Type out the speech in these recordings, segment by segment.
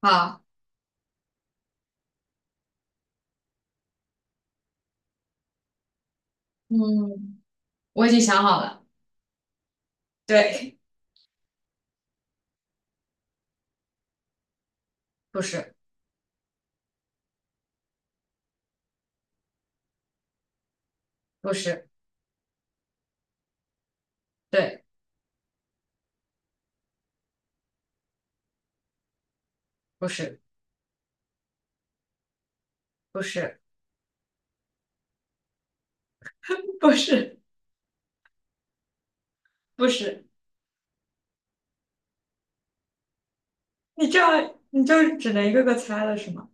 好。嗯，我已经想好了。对。不是。不是。对。不是。不是。不是。不是。你这样你就只能一个个猜了是吗？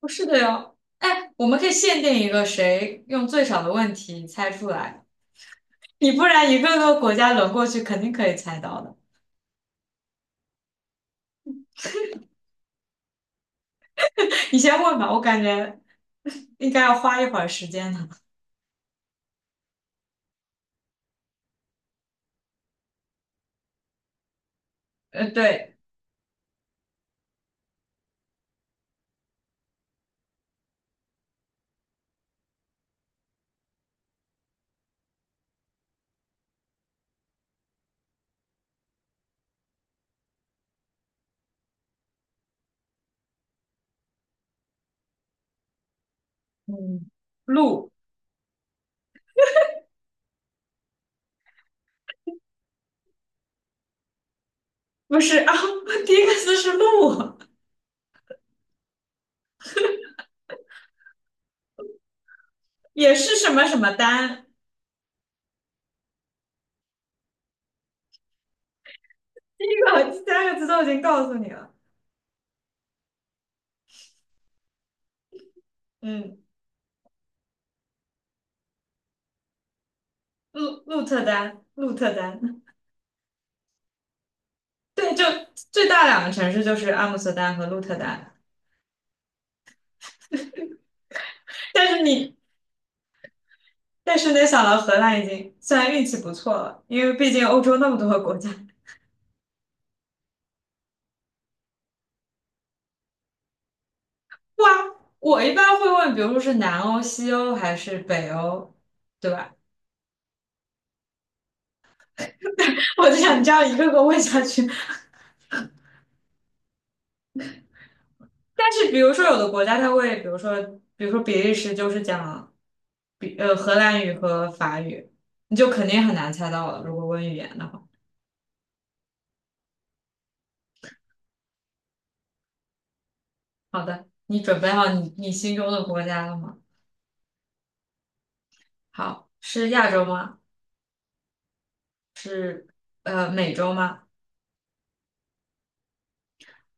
不是的哟。哎，我们可以限定一个，谁用最少的问题猜出来。你不然一个个国家轮过去，肯定可以猜到的。你先问吧，我感觉 应该要花一会儿时间呢。对。嗯，鹿。不是啊，第一个字是鹿，也是什么什么丹。这个三个字都已经告诉你了。嗯，鹿特丹，鹿特丹。对，就最大两个城市就是阿姆斯特丹和鹿特丹。但是你，但是没想到荷兰已经虽然运气不错了，因为毕竟欧洲那么多个国家。哇，我一般会问，比如说是南欧、西欧还是北欧，对吧？我就想这样一个个问下去。但是比如说有的国家它会，比如说比利时就是讲。荷兰语和法语，你就肯定很难猜到了，如果问语言的话。好的，你准备好你心中的国家了吗？好，是亚洲吗？美洲吗？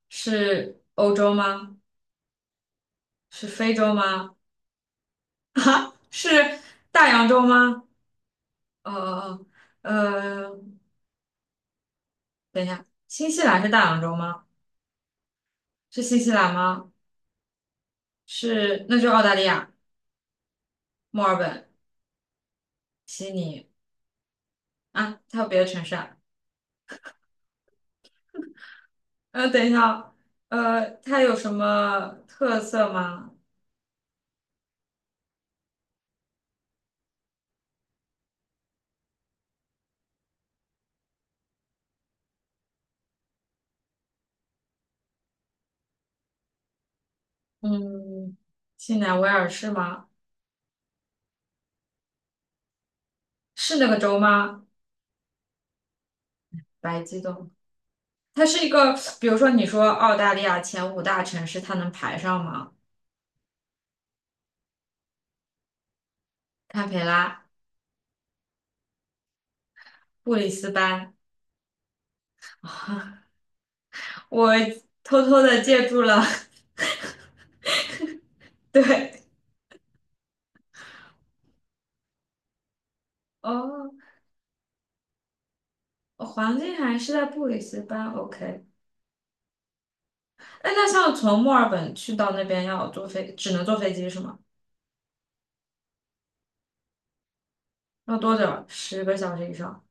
是欧洲吗？是非洲吗？啊，是大洋洲吗？哦哦哦，呃，等一下，新西兰是大洋洲吗？是新西兰吗？是，那就澳大利亚、墨尔本、悉尼。啊，还有别的城市啊？等一下哦。它有什么特色吗？嗯，新南威尔士吗？是那个州吗？白激动，它是一个，比如说你说澳大利亚前五大城市，它能排上吗？堪培拉、布里斯班。我偷偷的借助了，对。哦，哦，黄金海岸是在布里斯班，OK。哎，那像从墨尔本去到那边要坐飞，只能坐飞机是吗？要多久？十个小时以上。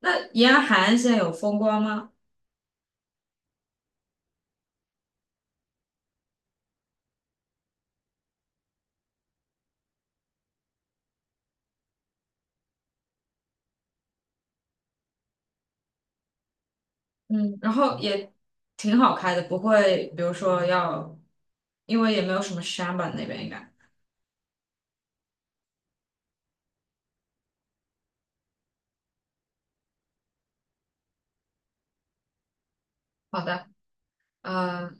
那沿海岸线有风光吗？嗯，然后也挺好开的，不会，比如说要，因为也没有什么山吧，那边应该。好的。呃，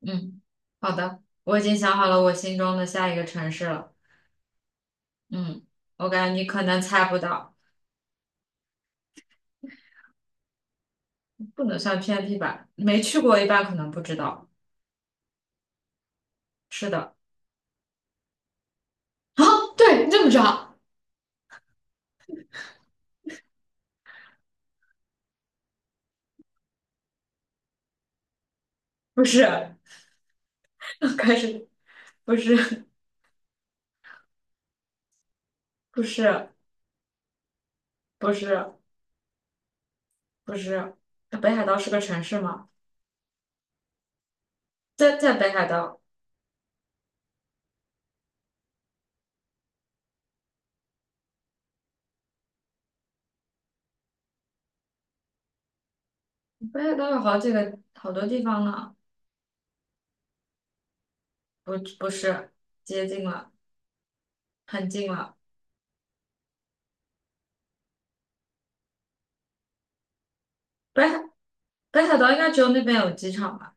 嗯，好的，我已经想好了我心中的下一个城市了。嗯，我感觉你可能猜不到。不能算偏僻吧，没去过一般可能不知道。是的。啊，对，你怎么知道？不是。开始。不是。不是。不是。不是。北海道是个城市吗？在在北海道。北海道有好几个好多地方呢。不不是。接近了，很近了。北海北海道应该只有那边有机场吧？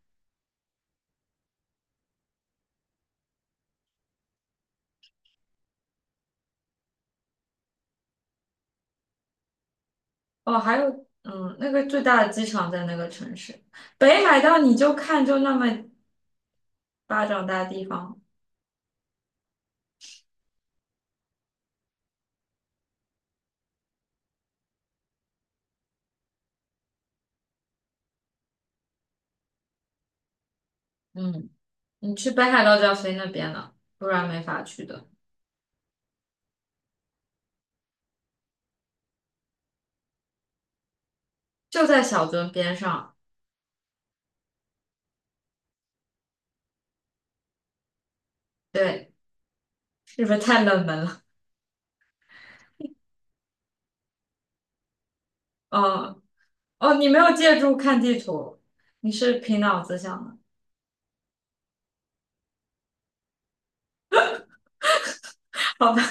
哦，还有。嗯，那个最大的机场在那个城市。北海道你就看就那么巴掌大地方。嗯，你去北海道就要飞那边了，不然没法去的。就在小樽边上。对。是不是太冷门了？哦哦，你没有借助看地图，你是凭脑子想的，好吧？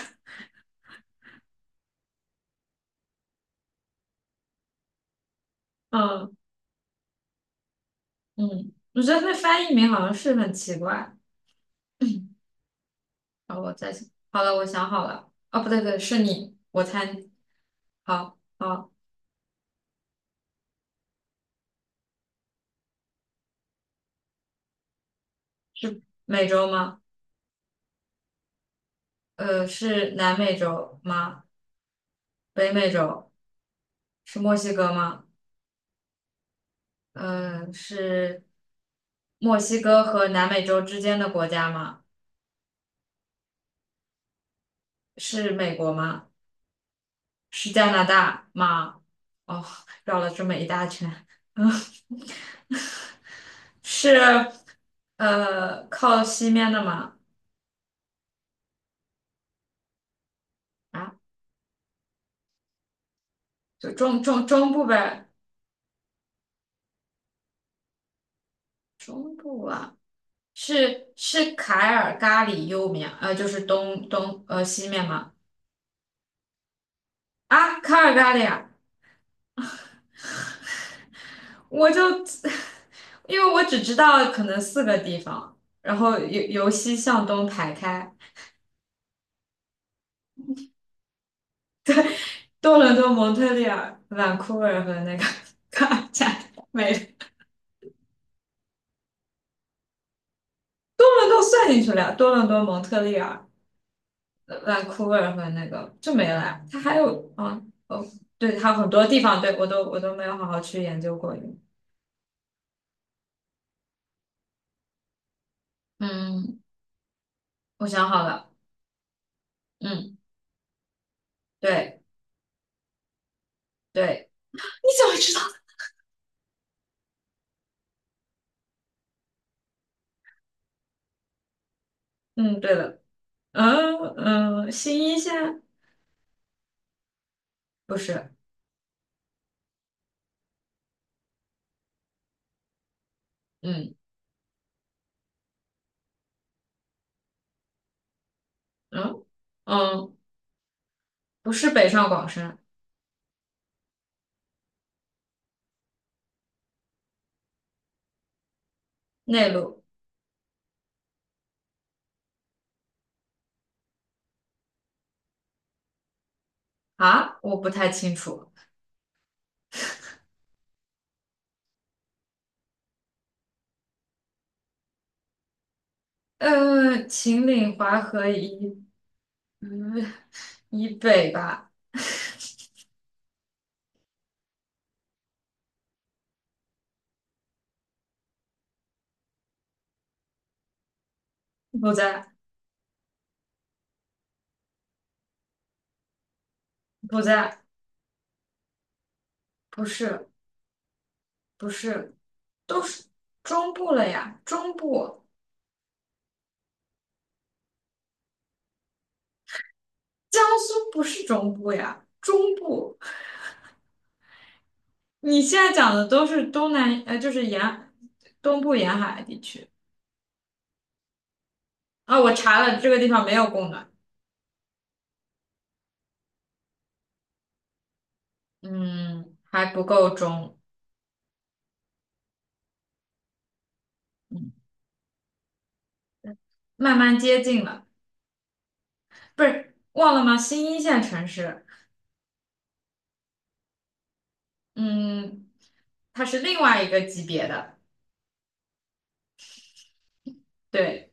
嗯。嗯，我觉得那翻译名好像是很奇怪。好，我再想，好了，我想好了。哦，不对，不对，是你，我猜你。好，好，美洲吗？是南美洲吗？北美洲。是墨西哥吗？是墨西哥和南美洲之间的国家吗？是美国吗？是加拿大吗？哦，绕了这么一大圈。嗯。是靠西面的吗？啊。就中部呗。中部啊。是是凯尔咖里右面，就是东东呃西面吗？啊，凯尔咖里，啊，我就 因为我只知道可能四个地方，然后由西向东排开，多伦多、蒙特利尔、vancouver 和那个 卡尔加里没了。多伦多算进去了，多伦多、蒙特利尔。v a n c o u 和那个就没了呀。它还有啊。哦，对，它很多地方，对，我都没有好好去研究过。嗯，我想好了。嗯，对。对 你怎么知道？嗯，对了。嗯嗯，新一线。不是。嗯嗯嗯，不是北上广深。内陆。啊，我不太清楚。秦岭淮河嗯以北吧。不在。不在。不是。不是。都是中部了呀，中部。江苏不是中部呀，中部。你现在讲的都是东南，就是东部沿海地区。啊、我查了，这个地方没有供暖。嗯，还不够中。嗯，慢慢接近了。不是忘了吗？新一线城市。嗯，它是另外一个级别的。对。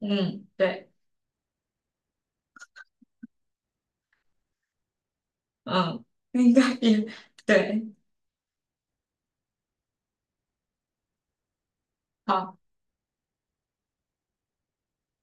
嗯，对。嗯，应该比。对。好。